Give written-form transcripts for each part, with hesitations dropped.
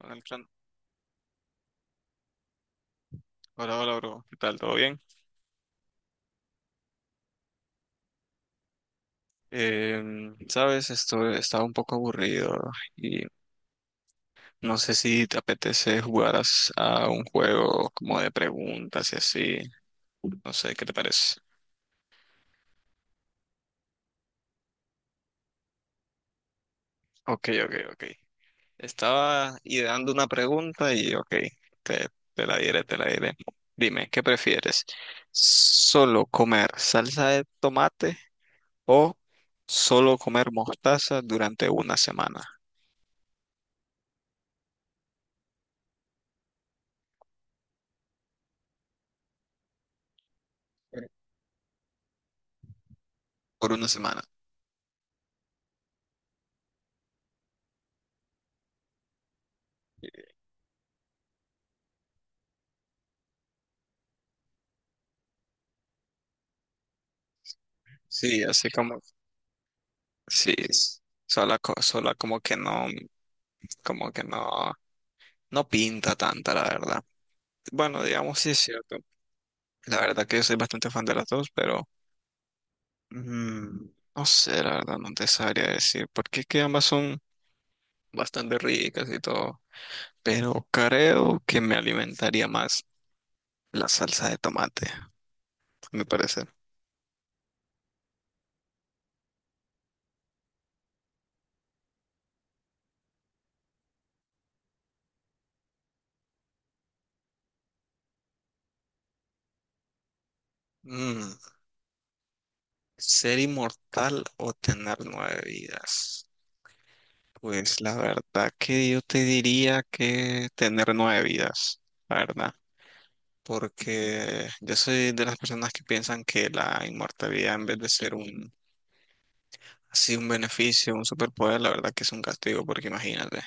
Hola, hola, hola, bro. ¿Qué tal? ¿Todo bien? Sabes, esto estaba un poco aburrido y no sé si te apetece jugar a un juego como de preguntas y así. No sé, ¿qué te parece? Ok, ok, ok. Estaba ideando una pregunta y ok, te, te la diré, te la diré. Dime, ¿qué prefieres? ¿Solo comer salsa de tomate o solo comer mostaza durante una semana? Por una semana. Sí, así como, sí, sola, sola como que no, no pinta tanta, la verdad. Bueno, digamos, sí es cierto. La verdad que yo soy bastante fan de las dos, pero mm, no sé, la verdad, no te sabría decir, porque es que ambas son bastante ricas y todo, pero creo que me alimentaría más la salsa de tomate, a mi parecer. Mm, ¿ser inmortal o tener nueve vidas? Pues la verdad que yo te diría que tener nueve vidas, la verdad, porque yo soy de las personas que piensan que la inmortalidad en vez de ser un, así un beneficio, un superpoder, la verdad que es un castigo, porque imagínate,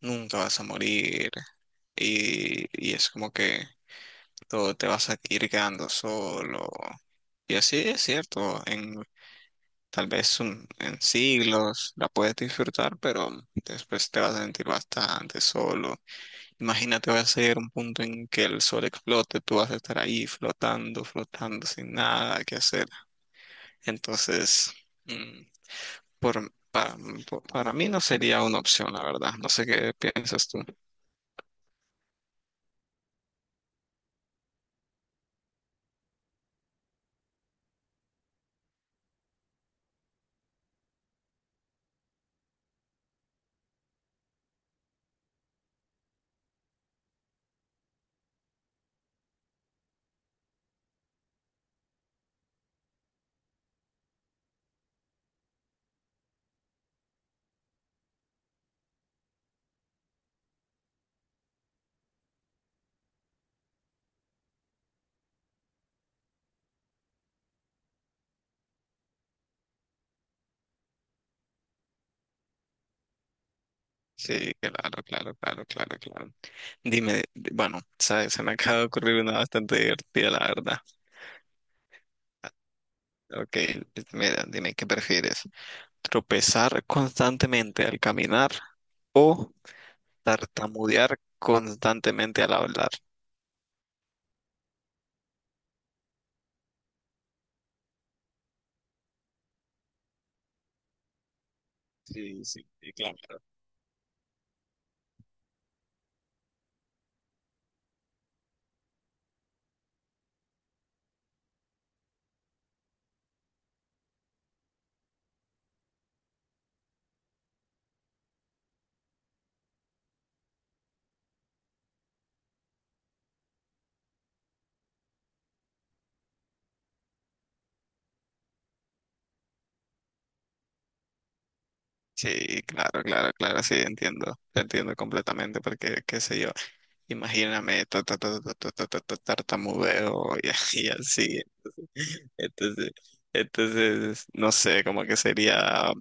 nunca vas a morir y es como que todo te vas a ir quedando solo. Y así es cierto, en tal vez en siglos la puedes disfrutar, pero después te vas a sentir bastante solo. Imagínate, va a ser un punto en que el sol explote, tú vas a estar ahí flotando, flotando sin nada que hacer. Entonces, mm, por, pa- para mí no sería una opción, la verdad. No sé qué piensas tú. Sí, claro, claro, claro, claro, claro. Dime, bueno, sabes, se me acaba de ocurrir una bastante divertida, la verdad. Ok, mira, dime, ¿qué prefieres? ¿Tropezar constantemente al caminar o tartamudear constantemente al hablar? Sí, sí, sí, claro. Sí, claro, claro, claro, sí, entiendo, te entiendo completamente, porque, qué sé yo, imagíname, ta, ta, ta, ta, ta, ta, ta, ta, tartamudeo y, y así, entonces, entonces, no sé, como que sería,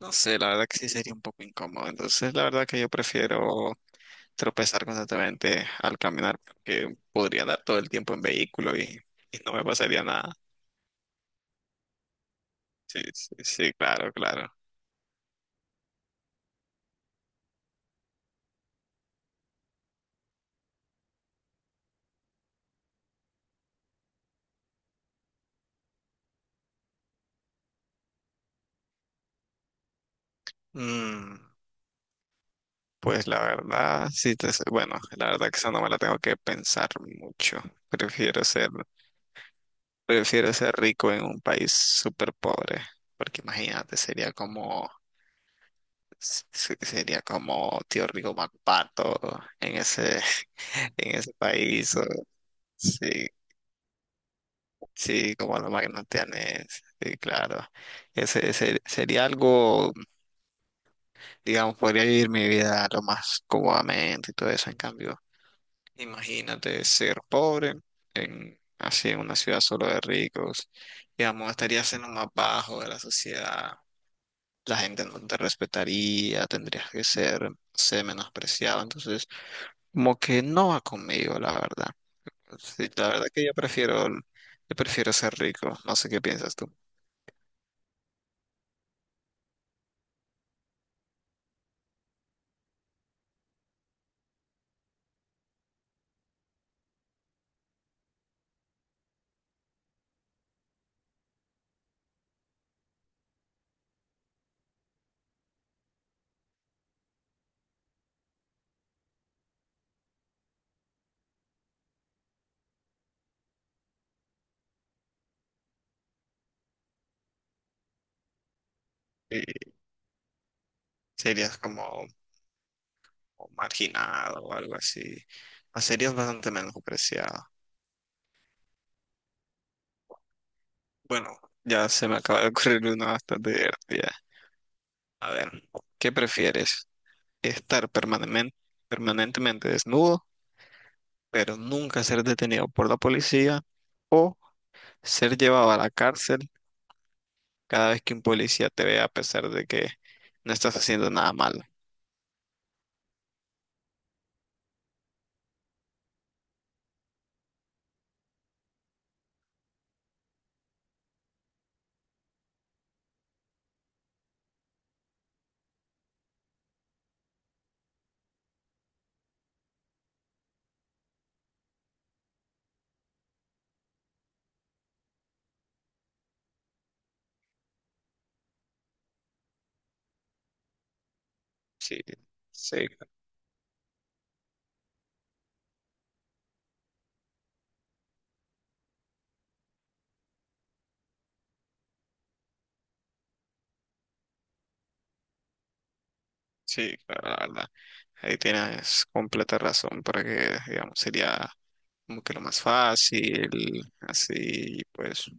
no sé, la verdad que sí sería un poco incómodo, entonces, la verdad que yo prefiero tropezar constantemente al caminar, porque podría dar todo el tiempo en vehículo y no me pasaría nada. Sí, sí, sí, claro, claro. Mm. Pues la verdad, sí, te, bueno, la verdad que esa no me la tengo que pensar mucho. Prefiero ser, prefiero ser rico en un país súper pobre, porque imagínate, sería como, sería como Tío Rico MacPato en ese, en ese país. O- sí, sí, como los magnatianes, sí, claro. Ese sería algo, digamos, podría vivir mi vida lo más cómodamente y todo eso, en cambio. Imagínate ser pobre en, así en una ciudad solo de ricos, digamos, estarías en lo más bajo de la sociedad, la gente no te respetaría, tendrías que ser, menospreciado, entonces como que no va conmigo, la verdad. Sí, la verdad que yo prefiero ser rico, no sé qué piensas tú. Y serías como, o marginada o algo así. La serie es bastante menospreciada. Bueno, ya se me acaba de ocurrir una bastante divertida. A ver, ¿qué prefieres? ¿Estar permanentemente desnudo, pero nunca ser detenido por la policía? ¿O ser llevado a la cárcel cada vez que un policía te vea a pesar de que no estás haciendo nada malo? Sí, sí, sí, claro, la verdad. Ahí tienes completa razón, porque, digamos, sería como que lo más fácil, así, pues,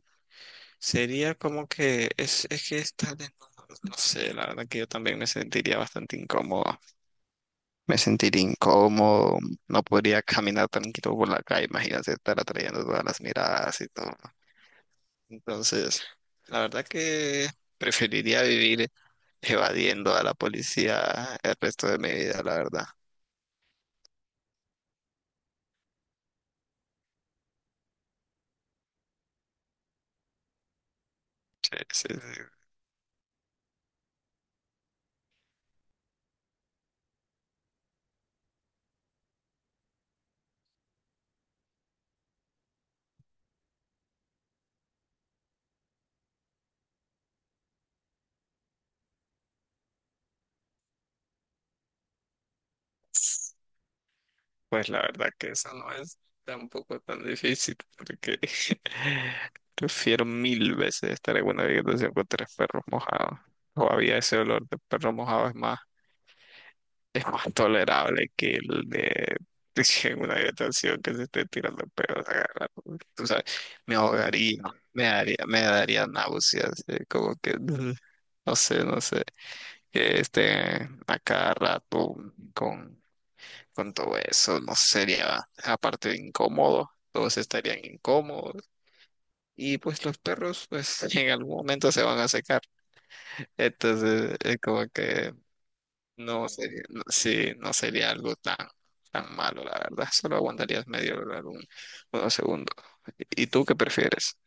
sería como que es que estar desnudo, no sé, la verdad que yo también me sentiría bastante incómodo, me sentiría incómodo, no podría caminar tranquilo por la calle, imagínate estar atrayendo todas las miradas y todo. Entonces, la verdad que preferiría vivir evadiendo a la policía el resto de mi vida, la verdad. Sí, sí, sí. Pues la verdad que eso no es tampoco tan difícil, porque prefiero mil veces estar en una habitación con tres perros mojados. Todavía ese olor de perro mojado es más, es más tolerable que el de en una habitación que se esté tirando perros a cada rato. Tú sabes, me ahogaría, me daría náuseas, como que no sé, no sé, que esté a cada rato con con todo eso no sería, aparte de incómodo, todos estarían incómodos. Y pues los perros, pues en algún momento se van a secar. Entonces es como que no sería, sí, no sería algo tan, tan malo, la verdad. Solo aguantarías medio lugar, unos segundos. ¿Y tú qué prefieres?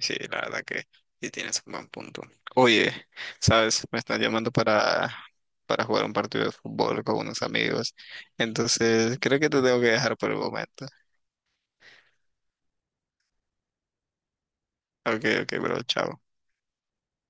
Sí, la verdad que sí tienes un buen punto. Oye, sabes, me están llamando para, jugar un partido de fútbol con unos amigos. Entonces creo que te tengo que dejar por el momento. Ok, ok, bro, chao.